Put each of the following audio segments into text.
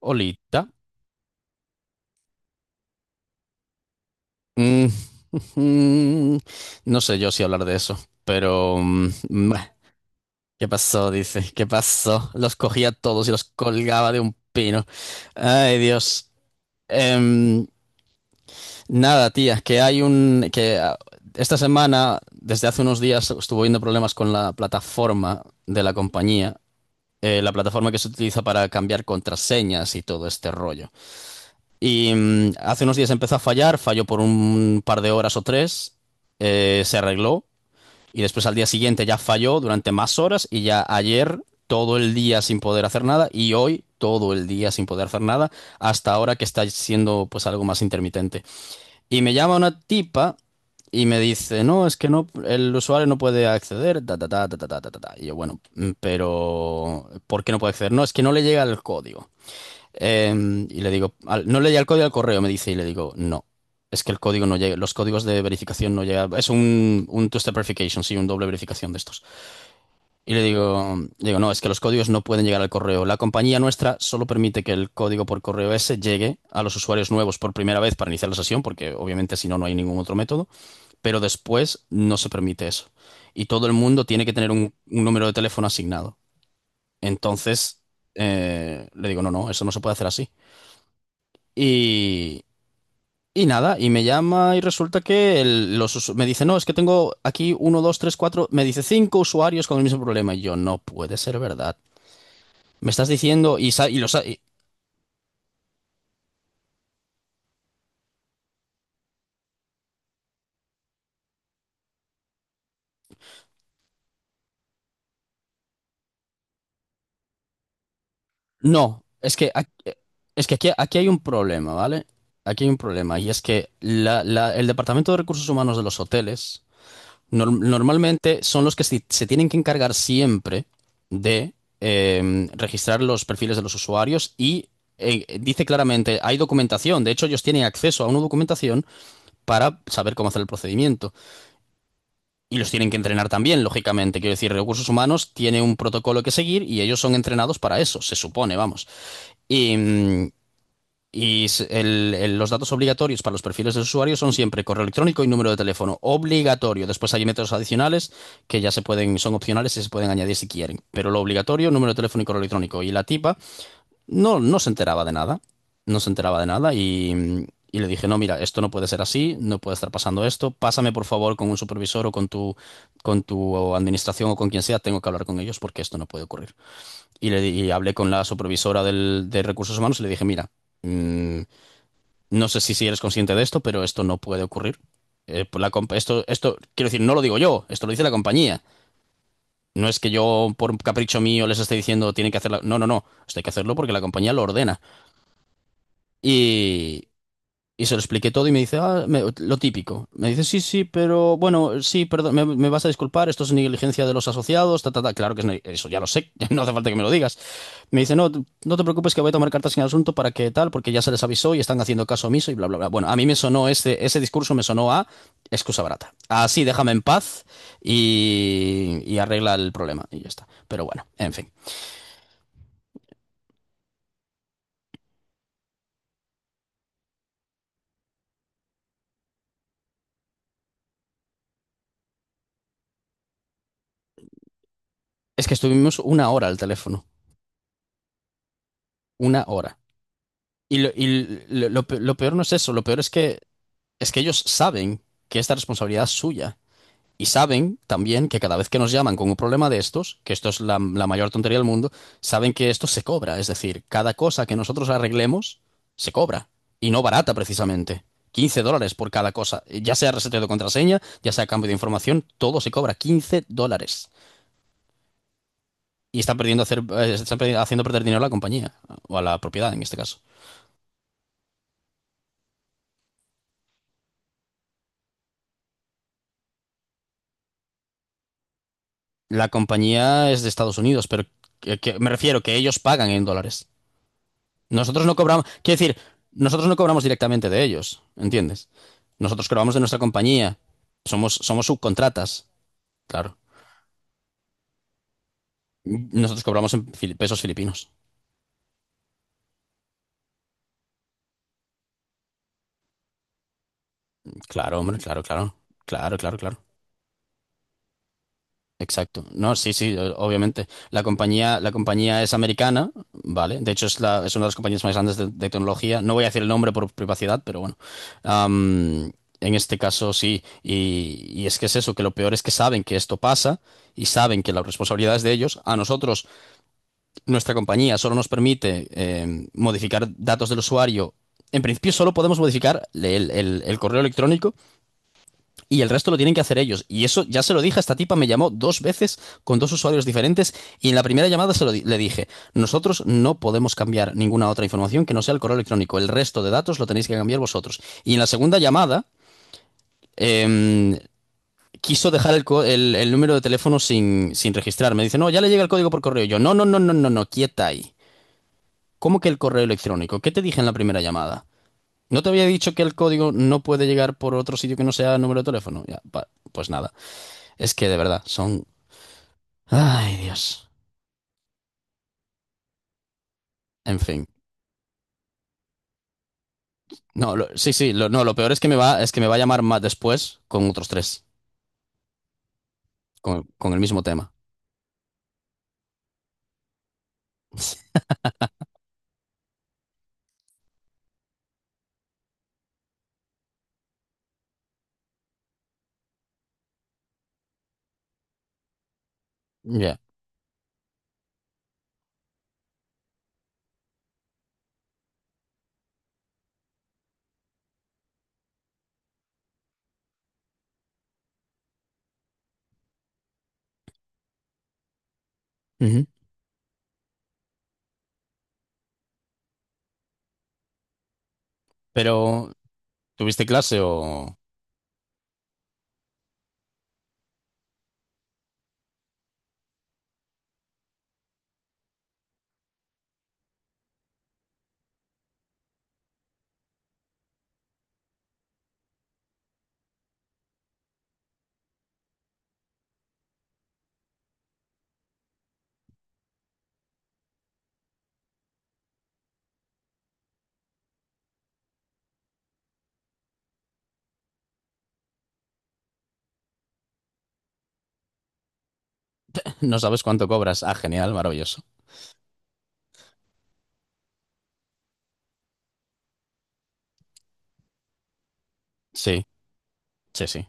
Olita. Mm, no sé yo si hablar de eso, pero... mm, bah, ¿Qué pasó? Dice, ¿qué pasó? Los cogía a todos y los colgaba de un pino. Ay, Dios. Em, Nada, tía, que hay un... que ah, esta semana, desde hace unos días, estuvo habiendo problemas con la plataforma de la compañía, la plataforma que se utiliza para cambiar contraseñas y todo este rollo. Y hace unos días empezó a fallar, falló por un par de horas o tres, se arregló y después al día siguiente ya falló durante más horas y ya ayer todo el día sin poder hacer nada y hoy todo el día sin poder hacer nada hasta ahora que está siendo pues algo más intermitente. Y me llama una tipa y me dice, no, es que no, el usuario no puede acceder, ta, ta, ta, ta, ta, ta, ta, ta". Y yo, bueno, pero ¿por qué no puede acceder? No, es que no le llega el código. Y le digo, no leía el código al correo, me dice, y le digo, no. Es que el código no llega, los códigos de verificación no llegan. Es un two-step verification, sí, un doble verificación de estos. Y le digo, digo, no, es que los códigos no pueden llegar al correo. La compañía nuestra solo permite que el código por correo ese llegue a los usuarios nuevos por primera vez para iniciar la sesión, porque obviamente si no, no hay ningún otro método, pero después no se permite eso. Y todo el mundo tiene que tener un número de teléfono asignado. Entonces, le digo, no, no, eso no se puede hacer así. Y, y nada, y me llama y resulta que me dice, no, es que tengo aquí uno, dos, tres, cuatro, me dice cinco usuarios con el mismo problema. Y yo, no puede ser verdad. Me estás diciendo, no, es que, aquí, aquí hay un problema, ¿vale? Aquí hay un problema, y es que el Departamento de Recursos Humanos de los hoteles... normalmente son los que se tienen que encargar siempre de registrar los perfiles de los usuarios y dice claramente, hay documentación, de hecho ellos tienen acceso a una documentación para saber cómo hacer el procedimiento. Y los tienen que entrenar también, lógicamente. Quiero decir, recursos humanos tiene un protocolo que seguir y ellos son entrenados para eso, se supone, vamos. Y, mm, y los datos obligatorios para los perfiles de usuario son siempre correo electrónico y número de teléfono. Obligatorio. Después hay métodos adicionales que ya se pueden, son opcionales y se pueden añadir si quieren. Pero lo obligatorio, número de teléfono y correo electrónico. Y la tipa no, no se enteraba de nada. No se enteraba de nada y, le dije, no, mira, esto no puede ser así, no puede estar pasando esto. Pásame por favor con un supervisor o con tu administración o con quien sea. Tengo que hablar con ellos porque esto no puede ocurrir. Y, y hablé con la supervisora de recursos humanos y le dije, mira. mm, no sé si, eres consciente de esto, pero esto no puede ocurrir. Esto, esto, quiero decir, no lo digo yo, esto lo dice la compañía. No es que yo, por un capricho mío, les esté diciendo tienen que hacerlo. No, no, no. Esto hay que hacerlo porque la compañía lo ordena. Y, se lo expliqué todo y me dice, ah, lo típico. Me dice, sí, sí, pero bueno, sí, perdón, me vas a disculpar, esto es negligencia de los asociados, ta, ta, ta. Claro que es, eso ya lo sé, no hace falta que me lo digas. Me dice, no, no te preocupes que voy a tomar cartas en el asunto para que tal, porque ya se les avisó y están haciendo caso omiso y bla, bla, bla. Bueno, a mí me sonó ese discurso, me sonó a excusa barata. Así, déjame en paz y, arregla el problema y ya está. Pero bueno, en fin. Es que estuvimos una hora al teléfono, una hora. Y lo peor no es eso, lo peor es que es que ellos saben que esta responsabilidad es suya. Y saben también que cada vez que nos llaman con un problema de estos, que esto es la mayor tontería del mundo, saben que esto se cobra. Es decir, cada cosa que nosotros arreglemos, se cobra. Y no barata, precisamente. $15 por cada cosa. Ya sea reseteo de contraseña, ya sea cambio de información, todo se cobra $15. Y están perdiendo hacer, están haciendo perder dinero a la compañía, o a la propiedad en este caso. La compañía es de Estados Unidos, pero me refiero que ellos pagan en dólares. Nosotros no cobramos, quiero decir, nosotros no cobramos directamente de ellos, ¿entiendes? Nosotros cobramos de nuestra compañía, somos subcontratas, claro. Nosotros cobramos en pesos filipinos. Claro, hombre, claro, claro, claro, claro, claro. Exacto. No, sí, sí, obviamente. La compañía es americana, ¿vale? De hecho, es una de las compañías más grandes de tecnología. No voy a decir el nombre por privacidad, pero bueno. Am, en este caso, sí. Y, es que es eso, que lo peor es que saben que esto pasa y saben que la responsabilidad es de ellos. A nosotros, nuestra compañía solo nos permite modificar datos del usuario. En principio, solo podemos modificar el correo electrónico y el resto lo tienen que hacer ellos. Y eso ya se lo dije, esta tipa me llamó dos veces con dos usuarios diferentes y en la primera llamada se lo le dije, nosotros no podemos cambiar ninguna otra información que no sea el correo electrónico, el resto de datos lo tenéis que cambiar vosotros. Y en la segunda llamada... em, Quiso dejar el número de teléfono sin, registrar. Me dice, no, ya le llega el código por correo. Yo, no, no, no, no, no, no, quieta ahí. ¿Cómo que el correo electrónico? ¿Qué te dije en la primera llamada? ¿No te había dicho que el código no puede llegar por otro sitio que no sea número de teléfono? Ya, pues nada. Es que de verdad, son. Ay, Dios. En fin. No, sí, sí, lo, no, lo peor es que me va a llamar más después con otros tres, con el mismo tema. Ya. Ujú. Pero, ¿tuviste clase o no sabes cuánto cobras? Ah, genial, maravilloso. Sí, sí, sí.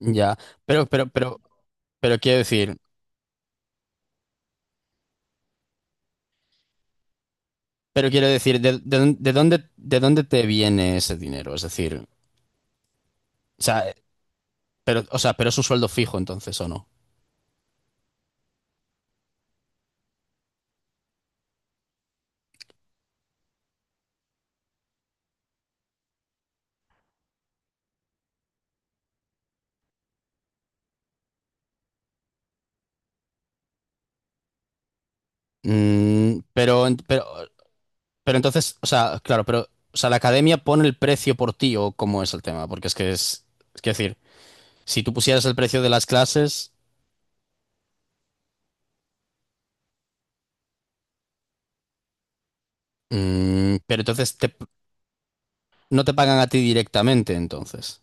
Ya. Pero, pero, pero, pero quiero decir, pero quiero decir, ¿de dónde te viene ese dinero? Es decir, o sea, pero, o sea, pero es un sueldo fijo entonces, ¿o no? Mm, pero, pero, Pero entonces, o sea, claro, pero, o sea, la academia pone el precio por ti o cómo es el tema, porque es que decir, si tú pusieras el precio de las clases, pero entonces no te pagan a ti directamente, entonces.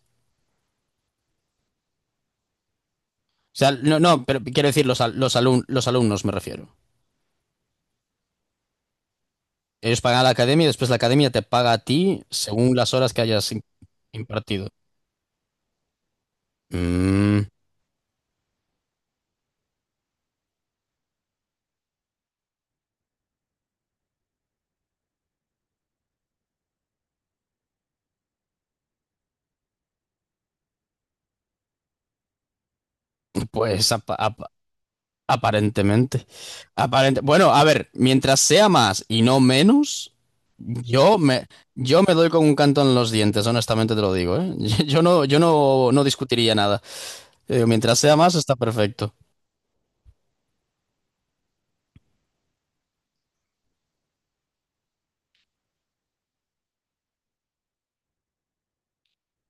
O sea, no, no, pero quiero decir los alumnos me refiero. Ellos pagan a la academia y después la academia te paga a ti según las horas que hayas impartido. Mm, pues apa- apa- Aparentemente. Aparente. Bueno, a ver, mientras sea más y no menos, yo me, yo me doy con un canto en los dientes, honestamente te lo digo, ¿eh? Yo no, no discutiría nada. Yo digo, mientras sea más, está perfecto.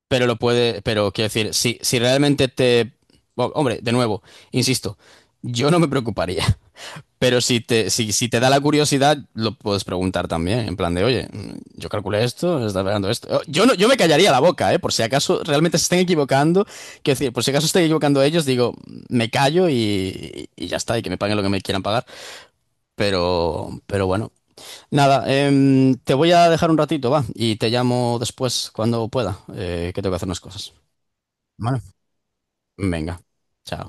Pero quiero decir, si realmente te. Bueno, hombre, de nuevo, insisto, yo no me preocuparía. Pero si te da la curiosidad, lo puedes preguntar también, en plan de, oye, yo calculé esto, está pegando esto. Oh. Yo no, yo me callaría la boca, ¿eh? Por si acaso realmente se estén equivocando. Quiero decir, por si acaso estén equivocando ellos, digo, me callo y, ya está, y que me paguen lo que me quieran pagar. Pero bueno. Nada, te voy a dejar un ratito, va, y te llamo después cuando pueda, que tengo que hacer unas cosas. Vale. Venga, chao.